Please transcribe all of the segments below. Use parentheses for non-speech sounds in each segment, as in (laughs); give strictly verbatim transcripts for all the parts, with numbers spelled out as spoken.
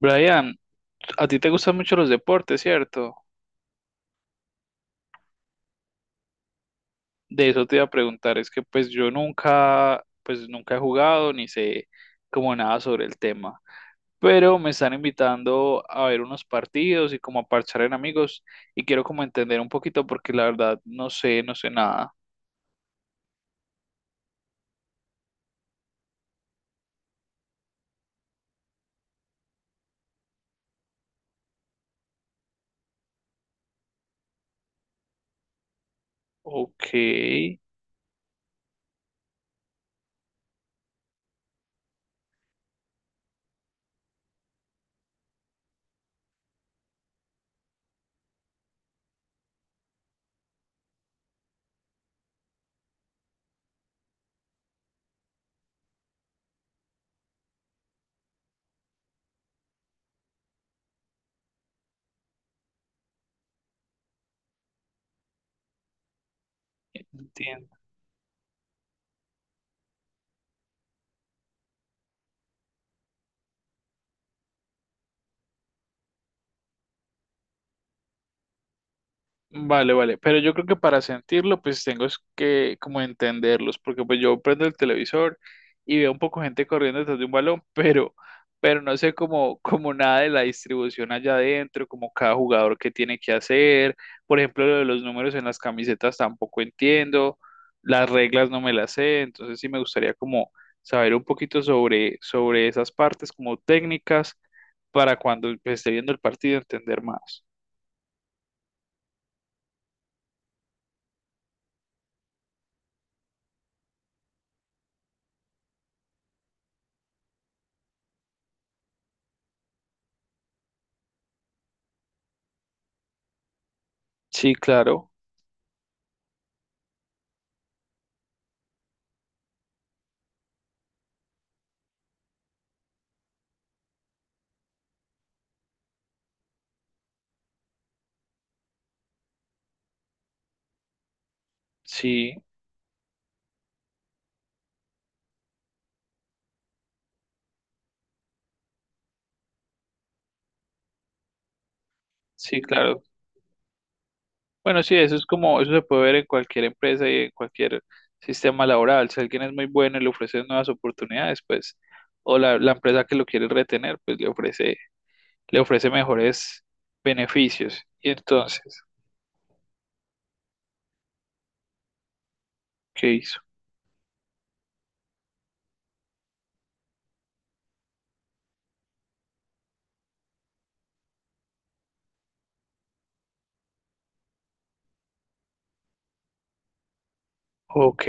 Brian, a ti te gustan mucho los deportes, ¿cierto? De eso te iba a preguntar, es que pues yo nunca, pues nunca he jugado ni sé como nada sobre el tema, pero me están invitando a ver unos partidos y como a parchar en amigos y quiero como entender un poquito porque la verdad no sé, no sé nada. Ok, entiendo. Vale, vale, pero yo creo que para sentirlo, pues tengo es que como entenderlos, porque pues yo prendo el televisor y veo un poco gente corriendo detrás de un balón, (laughs) pero, pero no sé como, como nada de la distribución allá adentro, como cada jugador que tiene que hacer, por ejemplo, lo de los números en las camisetas tampoco entiendo, las reglas no me las sé, entonces sí me gustaría como saber un poquito sobre, sobre esas partes como técnicas para cuando pues, esté viendo el partido entender más. Sí, claro, sí. Sí, claro. Bueno, sí, eso es como, eso se puede ver en cualquier empresa y en cualquier sistema laboral. Si alguien es muy bueno y le ofrece nuevas oportunidades, pues, o la, la empresa que lo quiere retener, pues le ofrece, le ofrece mejores beneficios. Y entonces, ¿qué hizo? Ok.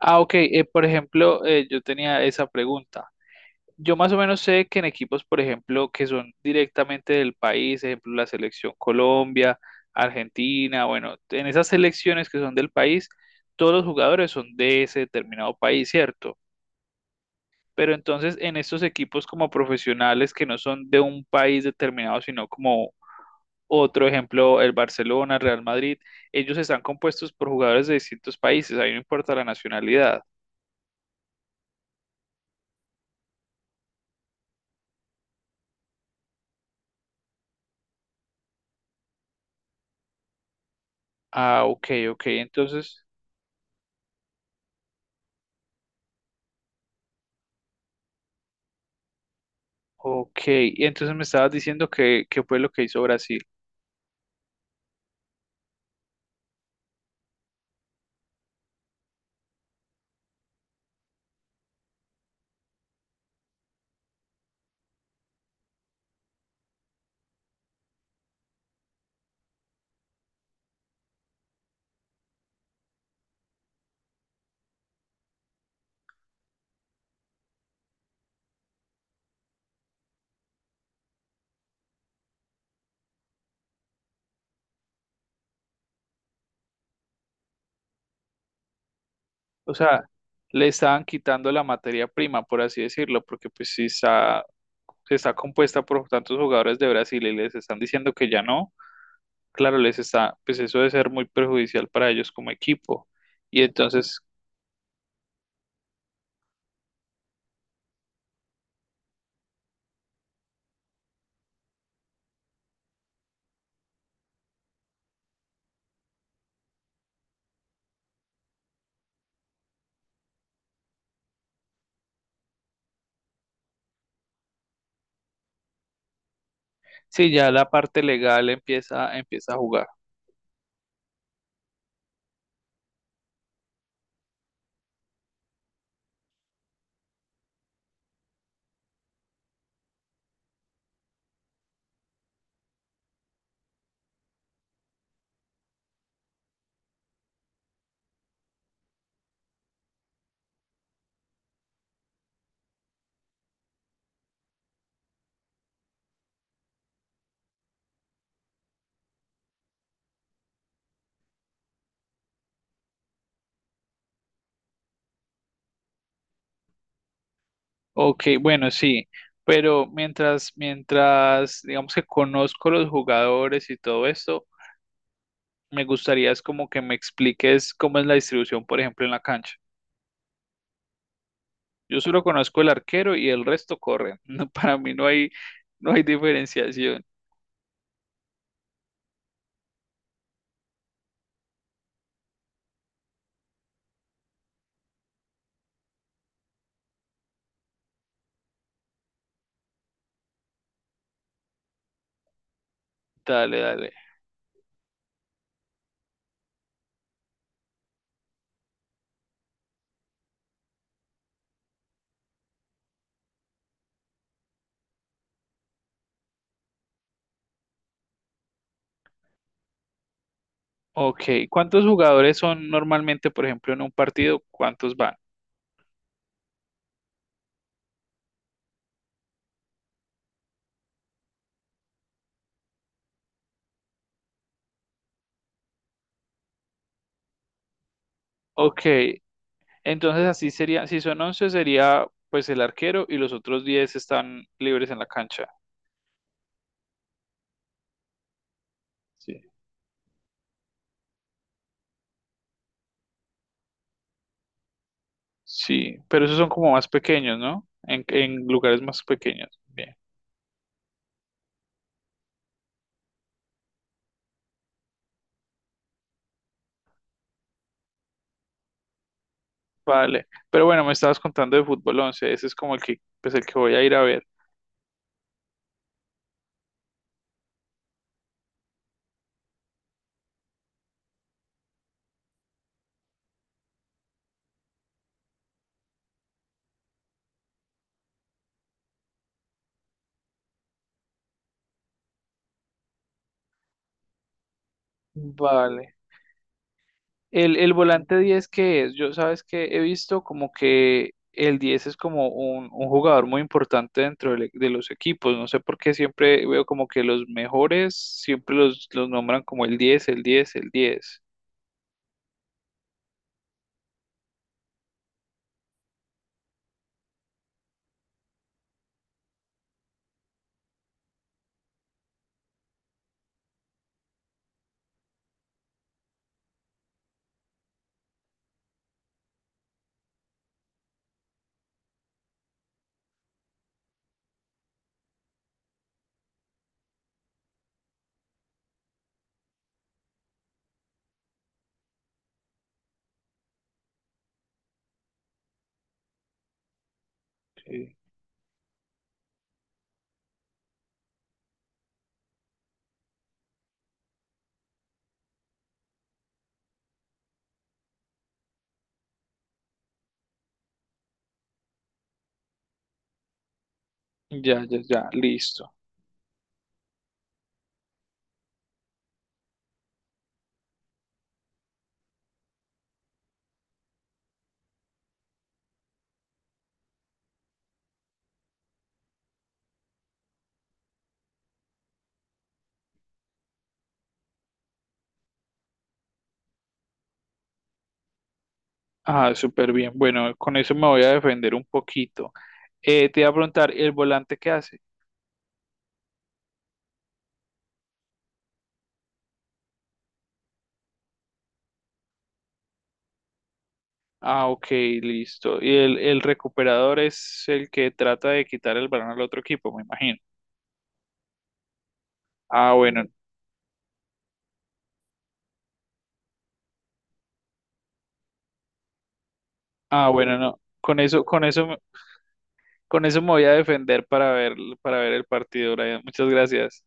Ah, ok. Eh, por ejemplo, eh, yo tenía esa pregunta. Yo más o menos sé que en equipos, por ejemplo, que son directamente del país, ejemplo, la selección Colombia, Argentina, bueno, en esas selecciones que son del país, todos los jugadores son de ese determinado país, ¿cierto? Pero entonces en estos equipos como profesionales que no son de un país determinado, sino como otro ejemplo, el Barcelona, Real Madrid, ellos están compuestos por jugadores de distintos países, ahí no importa la nacionalidad. Ah, ok, ok, entonces. Ok, y entonces me estabas diciendo que, que fue lo que hizo Brasil. O sea, le estaban quitando la materia prima, por así decirlo, porque pues si está, está compuesta por tantos jugadores de Brasil y les están diciendo que ya no, claro, les está, pues eso debe ser muy perjudicial para ellos como equipo. Y entonces, sí, ya la parte legal empieza, empieza a jugar. Ok, bueno, sí, pero mientras, mientras, digamos que conozco los jugadores y todo esto, me gustaría es como que me expliques cómo es la distribución, por ejemplo, en la cancha. Yo solo conozco el arquero y el resto corren. (laughs) No, para mí no hay, no hay diferenciación. Dale, dale. Ok, ¿cuántos jugadores son normalmente, por ejemplo, en un partido? ¿Cuántos van? Ok, entonces así sería, si son once sería pues el arquero y los otros diez están libres en la cancha. Sí. Sí, pero esos son como más pequeños, ¿no? En, en lugares más pequeños. Bien. Vale, pero bueno, me estabas contando de fútbol once, ese es como el que, pues el que voy a ir a ver. Vale. El, el volante diez, ¿qué es? Yo sabes que he visto como que el diez es como un, un jugador muy importante dentro del- de, los equipos. No sé por qué siempre veo como que los mejores siempre los, los nombran como el diez, el diez, el diez. Sí. Ya, ya, ya, listo. Ah, súper bien. Bueno, con eso me voy a defender un poquito. Eh, te iba a preguntar, ¿el volante qué hace? Ah, ok, listo. Y el, el recuperador es el que trata de quitar el balón al otro equipo, me imagino. Ah, bueno, ah, bueno, no. Con eso, con eso, me- con eso me voy a defender para ver, para ver, el partido, Brian. Muchas gracias.